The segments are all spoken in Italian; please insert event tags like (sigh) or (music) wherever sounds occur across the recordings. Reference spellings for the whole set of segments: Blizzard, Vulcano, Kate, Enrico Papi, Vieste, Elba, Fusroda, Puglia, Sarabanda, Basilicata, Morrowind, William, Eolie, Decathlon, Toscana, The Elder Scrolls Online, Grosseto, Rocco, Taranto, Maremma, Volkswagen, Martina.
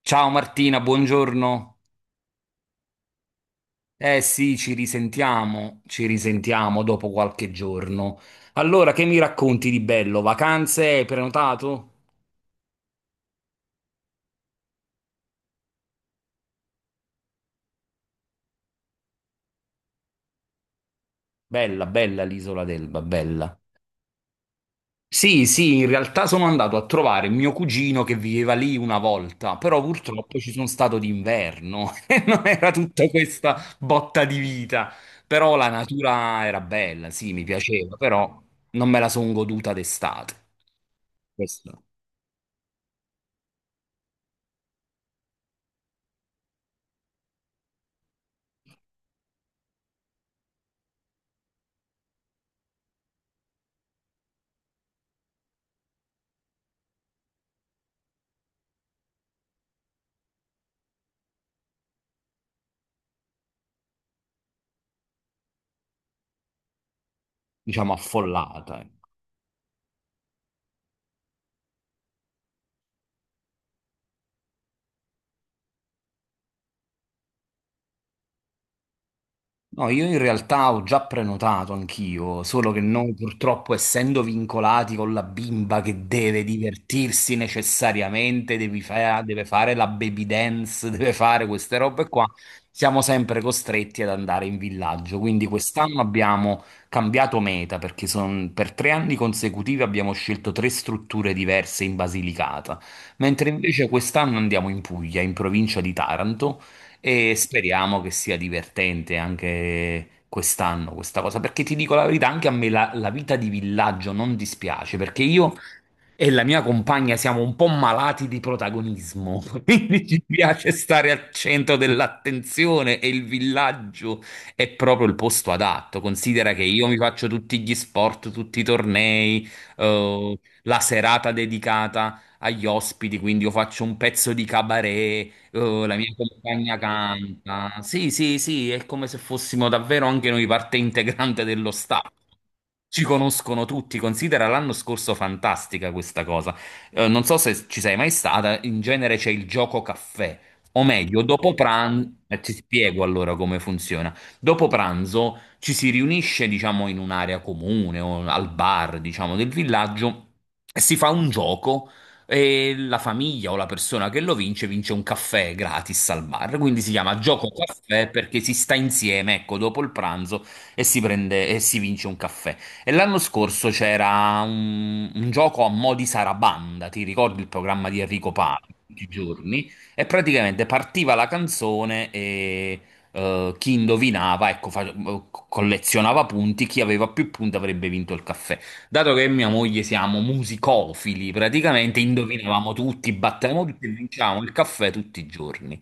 Ciao Martina, buongiorno. Eh sì, ci risentiamo dopo qualche giorno. Allora, che mi racconti di bello? Vacanze, hai prenotato? Bella, bella l'isola d'Elba, bella. Sì, sì, in realtà sono andato a trovare mio cugino che viveva lì una volta, però purtroppo ci sono stato d'inverno (laughs) e non era tutta questa botta di vita. Però la natura era bella, sì, mi piaceva, però non me la sono goduta d'estate. Questo. Diciamo, affollata, ecco. No, io in realtà ho già prenotato anch'io, solo che noi purtroppo essendo vincolati con la bimba che deve divertirsi necessariamente, deve fare la baby dance, (laughs) deve fare queste robe qua, siamo sempre costretti ad andare in villaggio. Quindi quest'anno abbiamo cambiato meta perché per tre anni consecutivi abbiamo scelto tre strutture diverse in Basilicata, mentre invece quest'anno andiamo in Puglia, in provincia di Taranto e speriamo che sia divertente anche quest'anno questa cosa, perché ti dico la verità, anche a me la vita di villaggio non dispiace, perché io e la mia compagna siamo un po' malati di protagonismo, (laughs) quindi ci piace stare al centro dell'attenzione e il villaggio è proprio il posto adatto. Considera che io mi faccio tutti gli sport, tutti i tornei, la serata dedicata agli ospiti, quindi io faccio un pezzo di cabaret, la mia compagna canta. Sì, sì, sì, è come se fossimo davvero anche noi parte integrante dello staff. Ci conoscono tutti, considera l'anno scorso fantastica questa cosa. Non so se ci sei mai stata, in genere c'è il gioco caffè, o meglio, dopo pranzo, ti spiego allora come funziona. Dopo pranzo ci si riunisce, diciamo, in un'area comune o al bar, diciamo, del villaggio e si fa un gioco e la famiglia o la persona che lo vince vince un caffè gratis al bar. Quindi si chiama gioco caffè perché si sta insieme, ecco, dopo il pranzo e si prende e si vince un caffè. E l'anno scorso c'era un gioco a mo' di Sarabanda, ti ricordi il programma di Enrico Papi, tutti i giorni? E praticamente partiva la canzone e chi indovinava, ecco, collezionava punti, chi aveva più punti avrebbe vinto il caffè. Dato che mia moglie siamo musicofili, praticamente indovinavamo tutti, battevamo tutti e vincevamo il caffè tutti i giorni.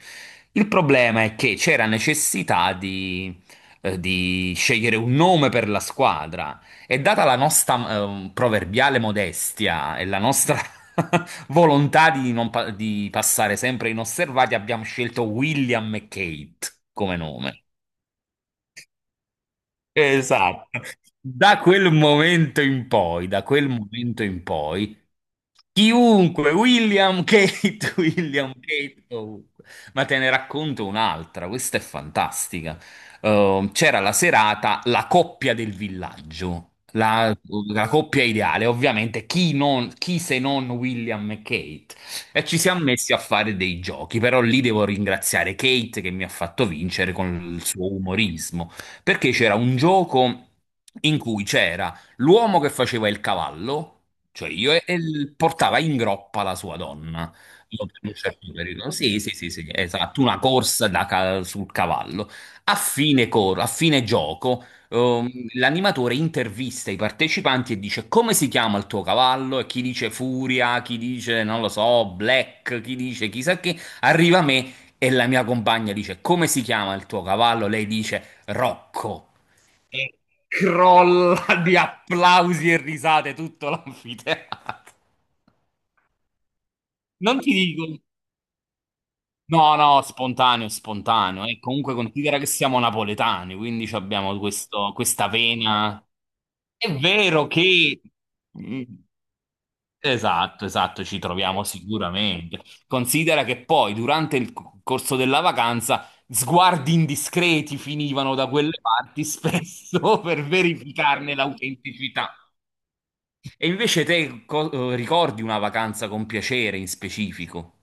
Il problema è che c'era necessità di scegliere un nome per la squadra. E data la nostra proverbiale modestia e la nostra (laughs) volontà di, non pa- di passare sempre inosservati, abbiamo scelto William e Kate come nome. Esatto. Da quel momento in poi, da quel momento in poi, chiunque, William Kate, (laughs) William Kate, ovunque. Ma te ne racconto un'altra, questa è fantastica. C'era la serata La coppia del villaggio. La, la coppia ideale, ovviamente, chi se non William e Kate? E ci siamo messi a fare dei giochi, però lì devo ringraziare Kate che mi ha fatto vincere con il suo umorismo perché c'era un gioco in cui c'era l'uomo che faceva il cavallo, cioè io, e portava in groppa la sua donna. Io per un certo periodo. Sì, sì, sì, sì, esatto, una corsa sul cavallo. A fine gioco, l'animatore intervista i partecipanti e dice come si chiama il tuo cavallo? E chi dice Furia, chi dice, non lo so, Black, chi dice chissà che, arriva a me. E la mia compagna dice: Come si chiama il tuo cavallo? Lei dice: Rocco. E crolla di applausi e risate tutto l'anfiteatro. Non ti dico... No, no, spontaneo, spontaneo. E comunque considera che siamo napoletani, quindi ci abbiamo questa vena. È vero che... Mm, esatto, esatto, ci troviamo sicuramente. Considera che poi durante il corso della vacanza sguardi indiscreti finivano da quelle parti spesso (laughs) per verificarne l'autenticità. E invece ricordi una vacanza con piacere in specifico?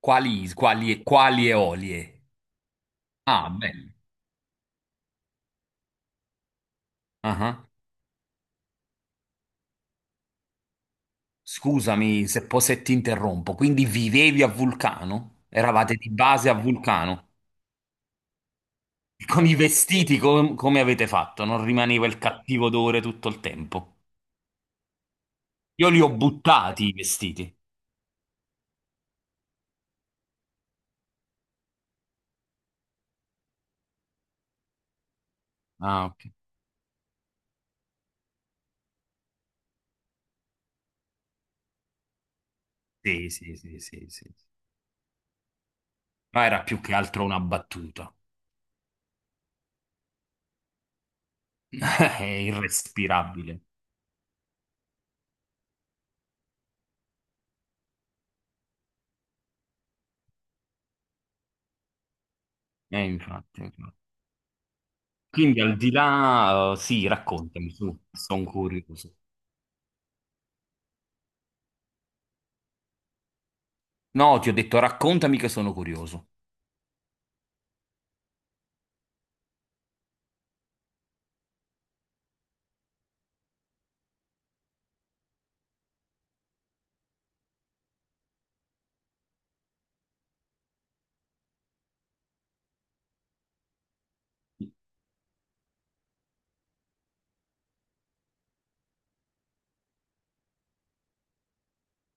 Quali, quali eolie? Ah, bello. Ah, scusami se, se ti interrompo. Quindi vivevi a Vulcano? Eravate di base a Vulcano? Con i vestiti come avete fatto? Non rimaneva il cattivo odore tutto il tempo? Io li ho buttati i vestiti. Ah, ok. Sì, sì, sì, sì, sì. Ma era più che altro una battuta. (laughs) È irrespirabile. Infatti. Quindi al di là, sì, raccontami, su, sono curioso. No, ti ho detto raccontami che sono curioso.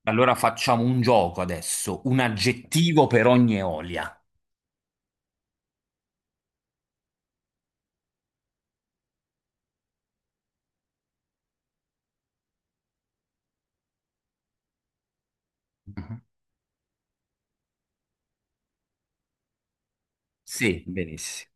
Allora facciamo un gioco adesso, un aggettivo per ogni Eolia. Mhm. Sì, benissimo.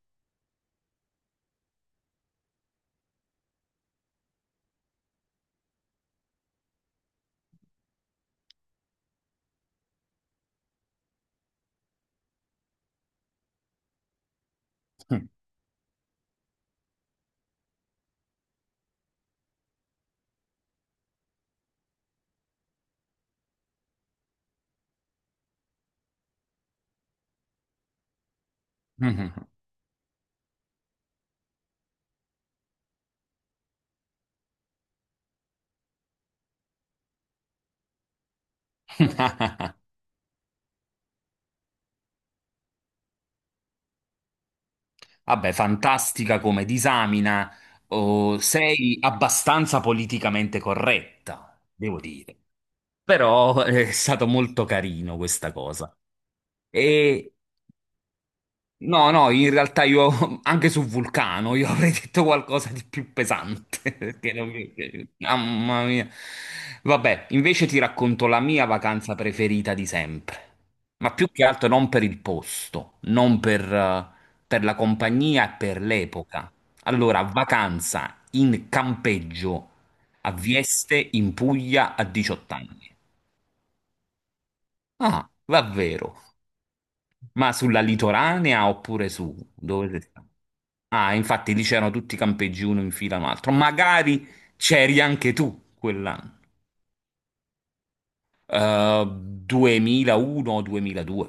Mhm. (laughs) Vabbè, fantastica come disamina, oh, sei abbastanza politicamente corretta, devo dire. Però è stato molto carino questa cosa. E No, no, in realtà io (laughs) anche su Vulcano io avrei detto qualcosa di più pesante. (laughs) perché non mi- mamma mia. Vabbè, invece ti racconto la mia vacanza preferita di sempre. Ma più che altro non per il posto, non per, per la compagnia e per l'epoca. Allora, vacanza in campeggio a Vieste in Puglia a 18 anni. Ah, davvero? Ma sulla litoranea oppure su? Dove si sta? Ah, infatti lì c'erano tutti i campeggi uno in fila a un altro. Magari c'eri anche tu quell'anno. Eh, 2001-2002.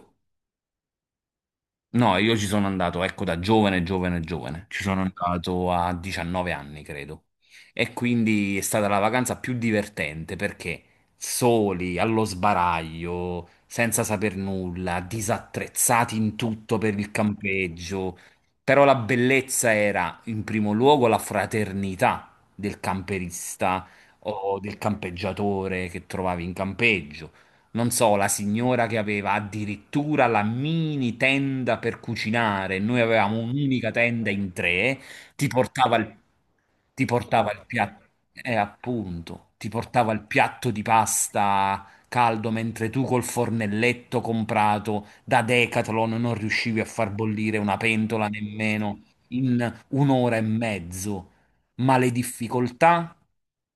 No, io ci sono andato, ecco, da giovane, giovane. Ci sono andato a 19 anni, credo. E quindi è stata la vacanza più divertente perché soli, allo sbaraglio, senza saper nulla, disattrezzati in tutto per il campeggio. Però la bellezza era, in primo luogo, la fraternità del camperista o del campeggiatore che trovavi in campeggio, non so, la signora che aveva addirittura la mini tenda per cucinare, noi avevamo un'unica tenda in tre, ti portava il, ti portava il piatto, appunto, ti portava il piatto di pasta caldo, mentre tu col fornelletto comprato da Decathlon non riuscivi a far bollire una pentola nemmeno in un'ora e mezzo. Ma le difficoltà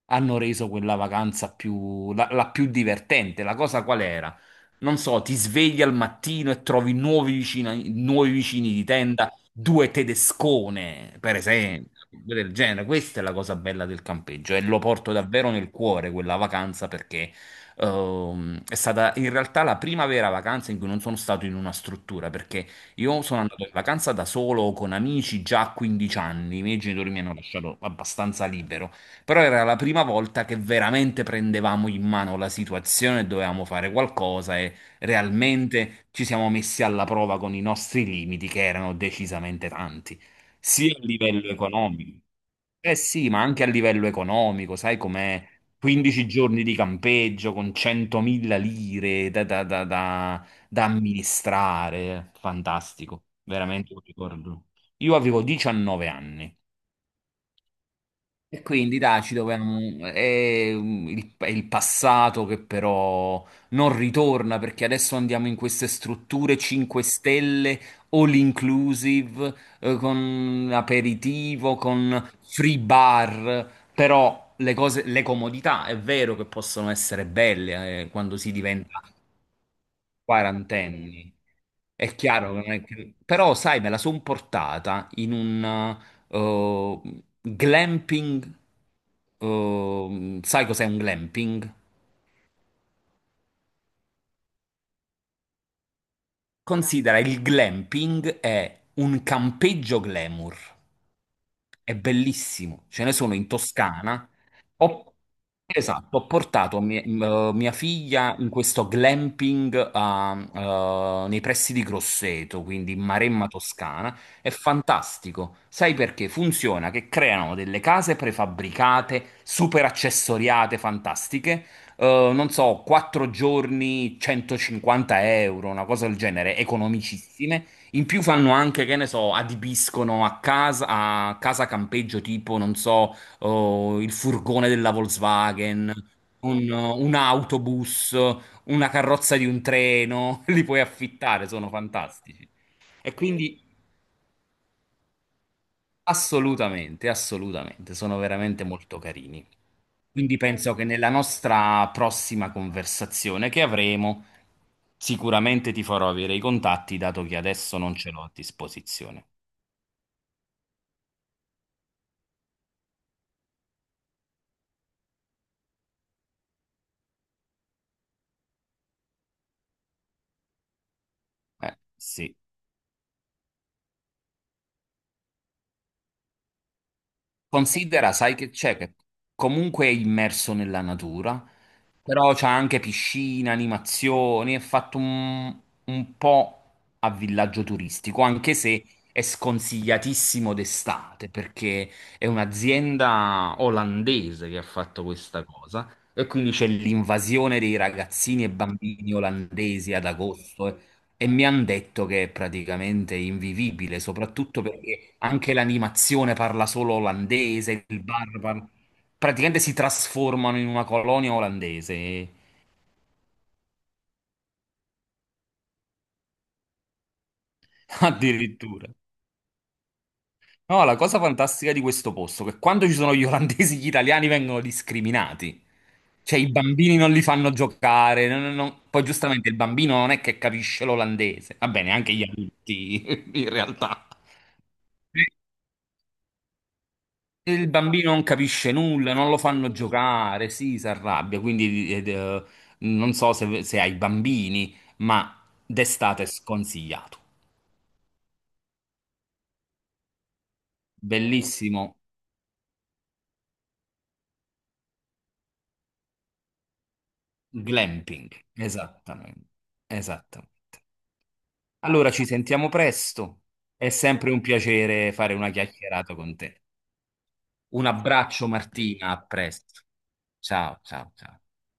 hanno reso quella vacanza più, la più divertente. La cosa qual era? Non so, ti svegli al mattino e trovi nuovi vicini di tenda, due tedescone, per esempio, cose del genere. Questa è la cosa bella del campeggio e lo porto davvero nel cuore quella vacanza perché è stata in realtà la prima vera vacanza in cui non sono stato in una struttura perché io sono andato in vacanza da solo o con amici già a 15 anni, i miei genitori mi hanno lasciato abbastanza libero. Però era la prima volta che veramente prendevamo in mano la situazione, dovevamo fare qualcosa e realmente ci siamo messi alla prova con i nostri limiti, che erano decisamente tanti, sia a livello economico. Eh sì, ma anche a livello economico, sai com'è? 15 giorni di campeggio con 100.000 lire da amministrare, fantastico, veramente un ricordo. Io avevo 19 anni. E quindi dai, ci dobbiamo... è è il passato che però non ritorna perché adesso andiamo in queste strutture 5 stelle, all inclusive, con aperitivo, con free bar, però le comodità è vero che possono essere belle, quando si diventa quarantenni. È chiaro che non è che- però, sai, me la son portata in un eh, glamping. Eh, sai cos'è un glamping? Considera il glamping è un campeggio glamour. È bellissimo, ce ne sono in Toscana. Ho, esatto, ho portato mia figlia in questo glamping nei pressi di Grosseto, quindi in Maremma Toscana. È fantastico. Sai perché? Funziona che creano delle case prefabbricate, super accessoriate, fantastiche, non so, 4 giorni, 150 euro, una cosa del genere, economicissime. In più fanno anche, che ne so, adibiscono a casa campeggio tipo, non so, oh, il furgone della Volkswagen, un autobus, una carrozza di un treno, (laughs) li puoi affittare, sono fantastici. E quindi assolutamente, assolutamente, sono veramente molto carini. Quindi penso che nella nostra prossima conversazione che avremo, sicuramente ti farò avere i contatti, dato che adesso non ce l'ho a disposizione. Sì. Considera, sai che c'è, che comunque è immerso nella natura, però c'è anche piscina, animazioni, è fatto un po' a villaggio turistico, anche se è sconsigliatissimo d'estate, perché è un'azienda olandese che ha fatto questa cosa, e quindi c'è l'invasione dei ragazzini e bambini olandesi ad agosto, eh. E mi hanno detto che è praticamente invivibile, soprattutto perché anche l'animazione parla solo olandese, il bar parla... Praticamente si trasformano in una colonia olandese, (laughs) addirittura. No, la cosa fantastica di questo posto è che quando ci sono gli olandesi, gli italiani vengono discriminati. Cioè, i bambini non li fanno giocare, poi, giustamente, il bambino non è che capisce l'olandese. Va bene, anche gli adulti, (laughs) in realtà. Il bambino non capisce nulla, non lo fanno giocare, si arrabbia, quindi non so se, se hai bambini, ma d'estate è sconsigliato. Bellissimo glamping, esattamente, esattamente. Allora ci sentiamo presto, è sempre un piacere fare una chiacchierata con te. Un abbraccio Martina, a presto. Ciao, ciao, ciao.